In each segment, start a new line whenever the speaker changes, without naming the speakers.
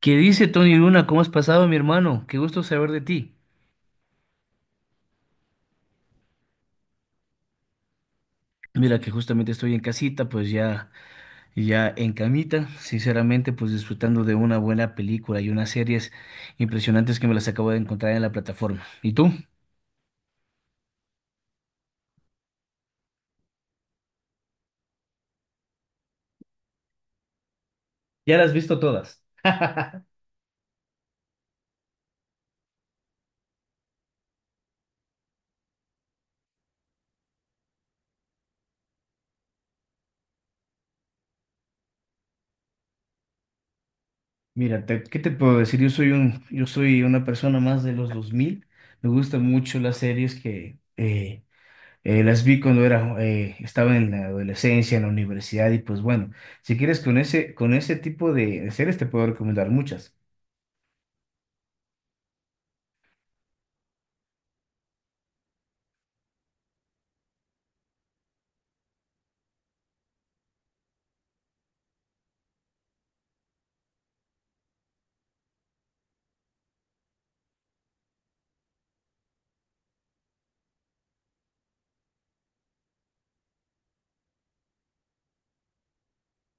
¿Qué dice Tony Luna? ¿Cómo has pasado, mi hermano? Qué gusto saber de ti. Mira que justamente estoy en casita, pues ya, ya en camita, sinceramente, pues disfrutando de una buena película y unas series impresionantes que me las acabo de encontrar en la plataforma. ¿Y tú? Ya las has visto todas. Mira, ¿qué te puedo decir? Yo soy una persona más de los 2000. Me gustan mucho las series que, las vi cuando era, estaba en la adolescencia, en la universidad, y pues bueno, si quieres con ese tipo de series te puedo recomendar muchas.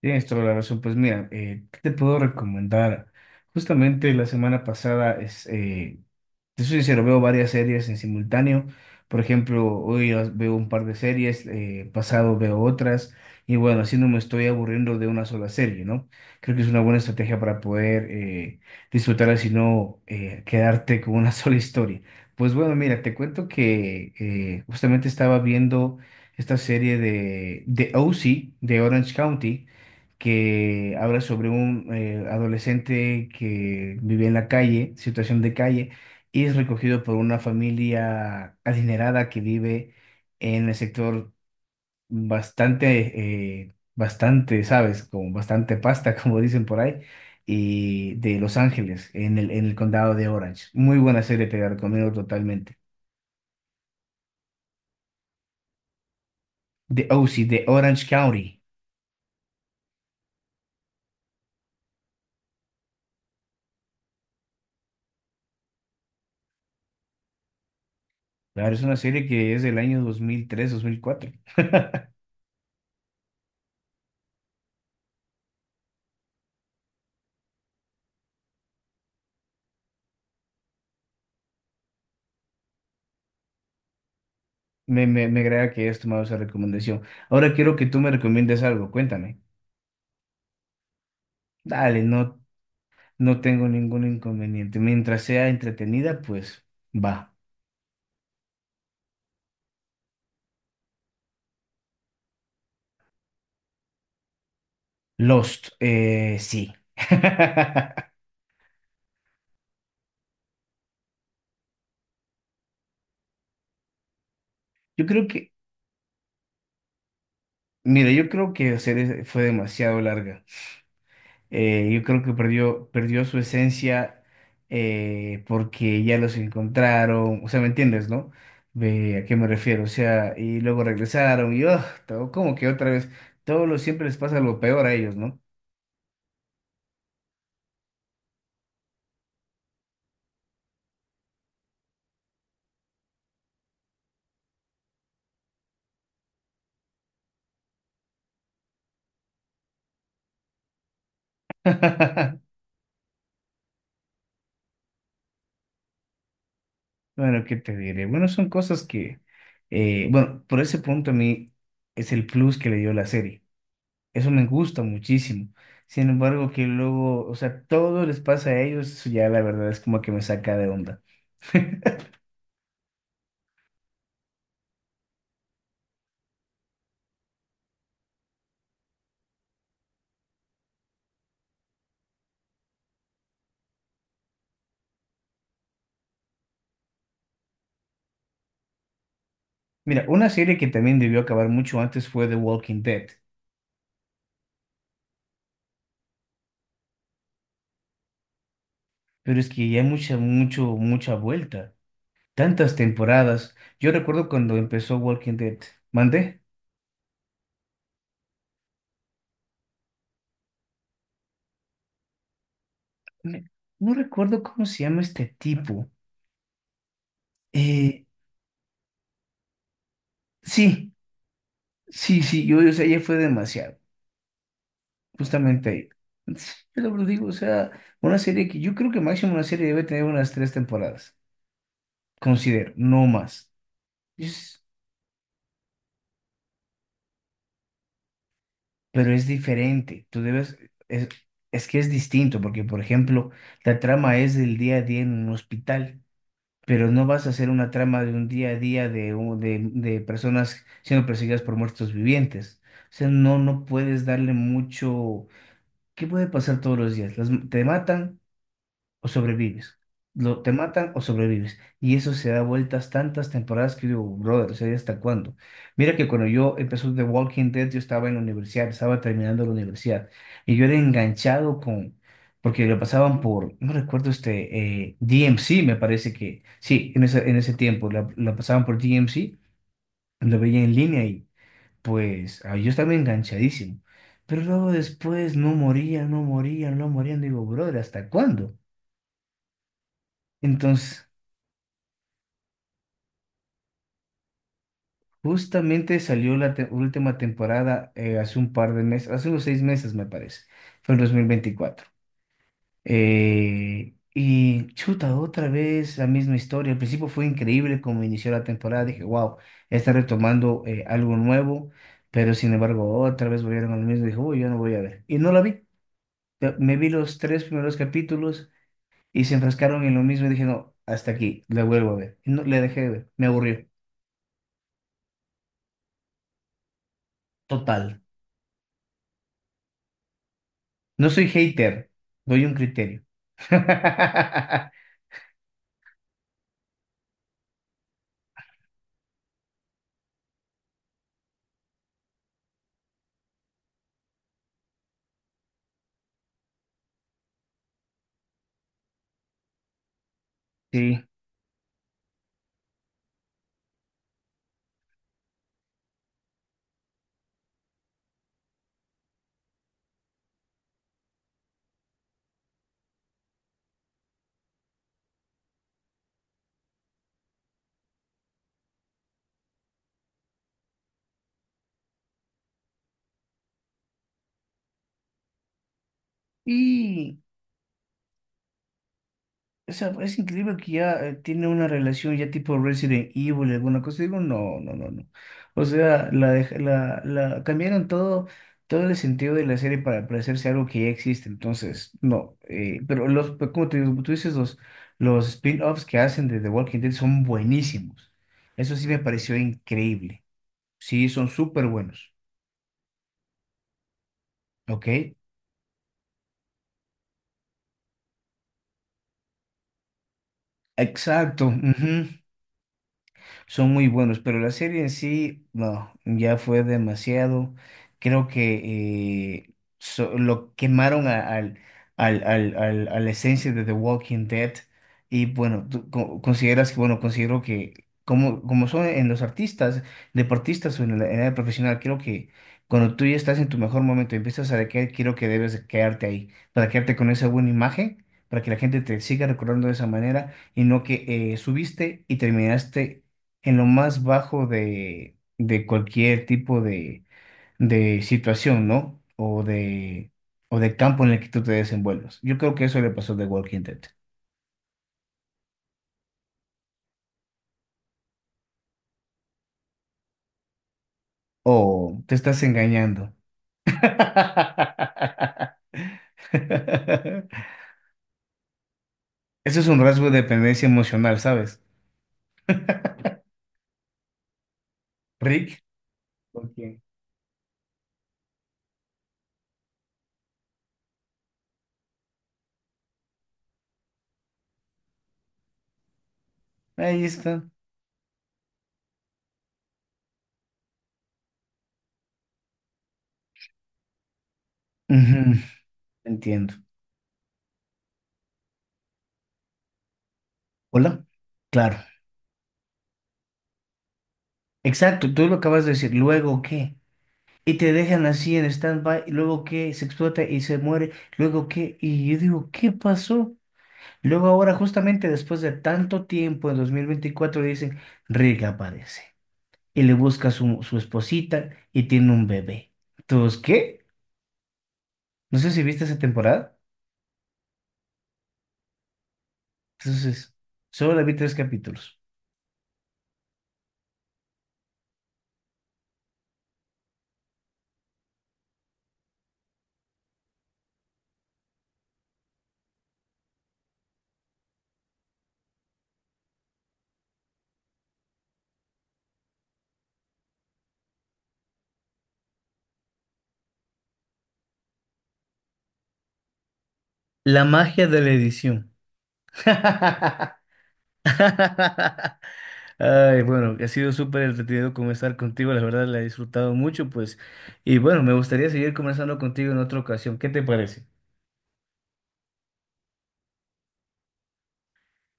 Tienes toda la razón. Pues mira, ¿qué te puedo recomendar? Justamente la semana pasada es, Te soy sincero, veo varias series en simultáneo. Por ejemplo, hoy veo un par de series, pasado veo otras, y bueno, así no me estoy aburriendo de una sola serie, ¿no? Creo que es una buena estrategia para poder disfrutarla, sino quedarte con una sola historia. Pues bueno, mira, te cuento que justamente estaba viendo esta serie de, OC, de Orange County, que habla sobre un adolescente que vive en la calle, situación de calle, y es recogido por una familia adinerada que vive en el sector bastante, ¿sabes? Como bastante pasta, como dicen por ahí, y de Los Ángeles, en el condado de Orange. Muy buena serie, te la recomiendo totalmente. The OC, de Orange County. Claro, es una serie que es del año 2003, 2004. Me agrada que hayas tomado esa recomendación. Ahora quiero que tú me recomiendes algo, cuéntame. Dale, no, no tengo ningún inconveniente. Mientras sea entretenida, pues va. Lost, sí. Yo creo que, yo creo que la serie fue demasiado larga. Yo creo que perdió su esencia, porque ya los encontraron. O sea, ¿me entiendes, no? Ve, ¿a qué me refiero? O sea, y luego regresaron y oh, todo, como que otra vez, todo lo siempre les pasa lo peor a ellos, ¿no? Bueno, ¿qué te diré? Bueno, son cosas que, bueno, por ese punto a mí es el plus que le dio la serie. Eso me gusta muchísimo. Sin embargo, que luego, o sea, todo les pasa a ellos, eso ya la verdad es como que me saca de onda. Mira, una serie que también debió acabar mucho antes fue The Walking Dead, pero es que ya hay mucha vuelta. Tantas temporadas. Yo recuerdo cuando empezó Walking Dead. ¿Mandé? Me- No recuerdo cómo se llama este tipo. Eh, sí. Sí, sí, yo, o sea, ya fue demasiado, justamente ahí. Entonces, yo lo digo, o sea, una serie que yo creo que máximo una serie debe tener unas 3 temporadas, considero, no más. Es- pero es diferente, es, es que es distinto, porque por ejemplo, la trama es del día a día en un hospital, pero no vas a hacer una trama de un día a día de, de personas siendo perseguidas por muertos vivientes. O sea, no, no puedes darle mucho. ¿Qué puede pasar todos los días? Te matan o sobrevives. Te matan o sobrevives. Y eso se da vueltas tantas temporadas que yo digo, brother, o sea, ¿hasta cuándo? Mira que cuando yo empezó The Walking Dead, yo estaba en la universidad, estaba terminando la universidad. Y yo era enganchado con, porque lo pasaban por, no recuerdo este, DMC, me parece que, sí, en ese tiempo, la pasaban por DMC, lo veía en línea y pues ah, yo estaba enganchadísimo. Pero luego después no morían. Digo, brother, ¿hasta cuándo? Entonces, justamente salió la última temporada, hace un par de meses, hace unos seis meses me parece, fue en 2024. Y chuta, otra vez la misma historia. Al principio fue increíble como inició la temporada, dije, wow, está retomando algo nuevo, pero sin embargo otra vez volvieron a lo mismo, dije, uy, yo no voy a ver. Y no la vi. Me vi los 3 primeros capítulos y se enfrascaron en lo mismo y dije, no, hasta aquí, la vuelvo a ver. Y no, le dejé de ver, me aburrió. Total. No soy hater, doy un criterio. Sí. Y, o sea, es increíble que ya tiene una relación ya tipo Resident Evil, alguna cosa. Digo, no, no, no, no. O sea, la cambiaron todo, todo el sentido de la serie para parecerse a algo que ya existe. Entonces, no. Pero los, pero como te digo, como tú dices, los spin-offs que hacen de The Walking Dead son buenísimos. Eso sí me pareció increíble. Sí, son súper buenos. ¿Ok? Exacto. Ujú, son muy buenos, pero la serie en sí, no, ya fue demasiado. Creo que lo quemaron a la esencia de The Walking Dead. Y bueno, consideras que, bueno, considero que como, como son en los artistas, deportistas o en la, en el área profesional, creo que cuando tú ya estás en tu mejor momento y empiezas a decaer, creo que debes quedarte ahí, para quedarte con esa buena imagen, para que la gente te siga recordando de esa manera y no que subiste y terminaste en lo más bajo de cualquier tipo de situación, ¿no? O de campo en el que tú te desenvuelvas. Yo creo que eso le pasó de Walking Dead. Oh, te estás engañando. Eso es un rasgo de dependencia emocional, ¿sabes? Rick. ¿Por quién? Ahí está. Ujú. Entiendo. Hola. Claro. Exacto, tú lo acabas de decir. ¿Luego qué? Y te dejan así en stand-by, y luego que se explota y se muere, luego que, y yo digo, ¿qué pasó? Luego ahora, justamente después de tanto tiempo, en 2024, dicen, Rick aparece y le busca su esposita y tiene un bebé. Entonces, ¿qué? No sé si viste esa temporada. Entonces, solo la vi 3 capítulos. La magia de la edición. Ay, bueno, ha sido súper entretenido conversar contigo, la verdad la he disfrutado mucho, pues, y bueno, me gustaría seguir conversando contigo en otra ocasión, ¿qué te parece?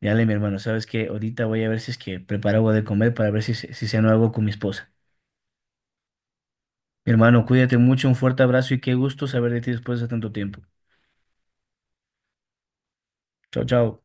Dale, mi hermano, sabes que ahorita voy a ver si es que preparo algo de comer para ver si, si ceno algo con mi esposa. Mi hermano, cuídate mucho, un fuerte abrazo y qué gusto saber de ti después de tanto tiempo. Chao, chao.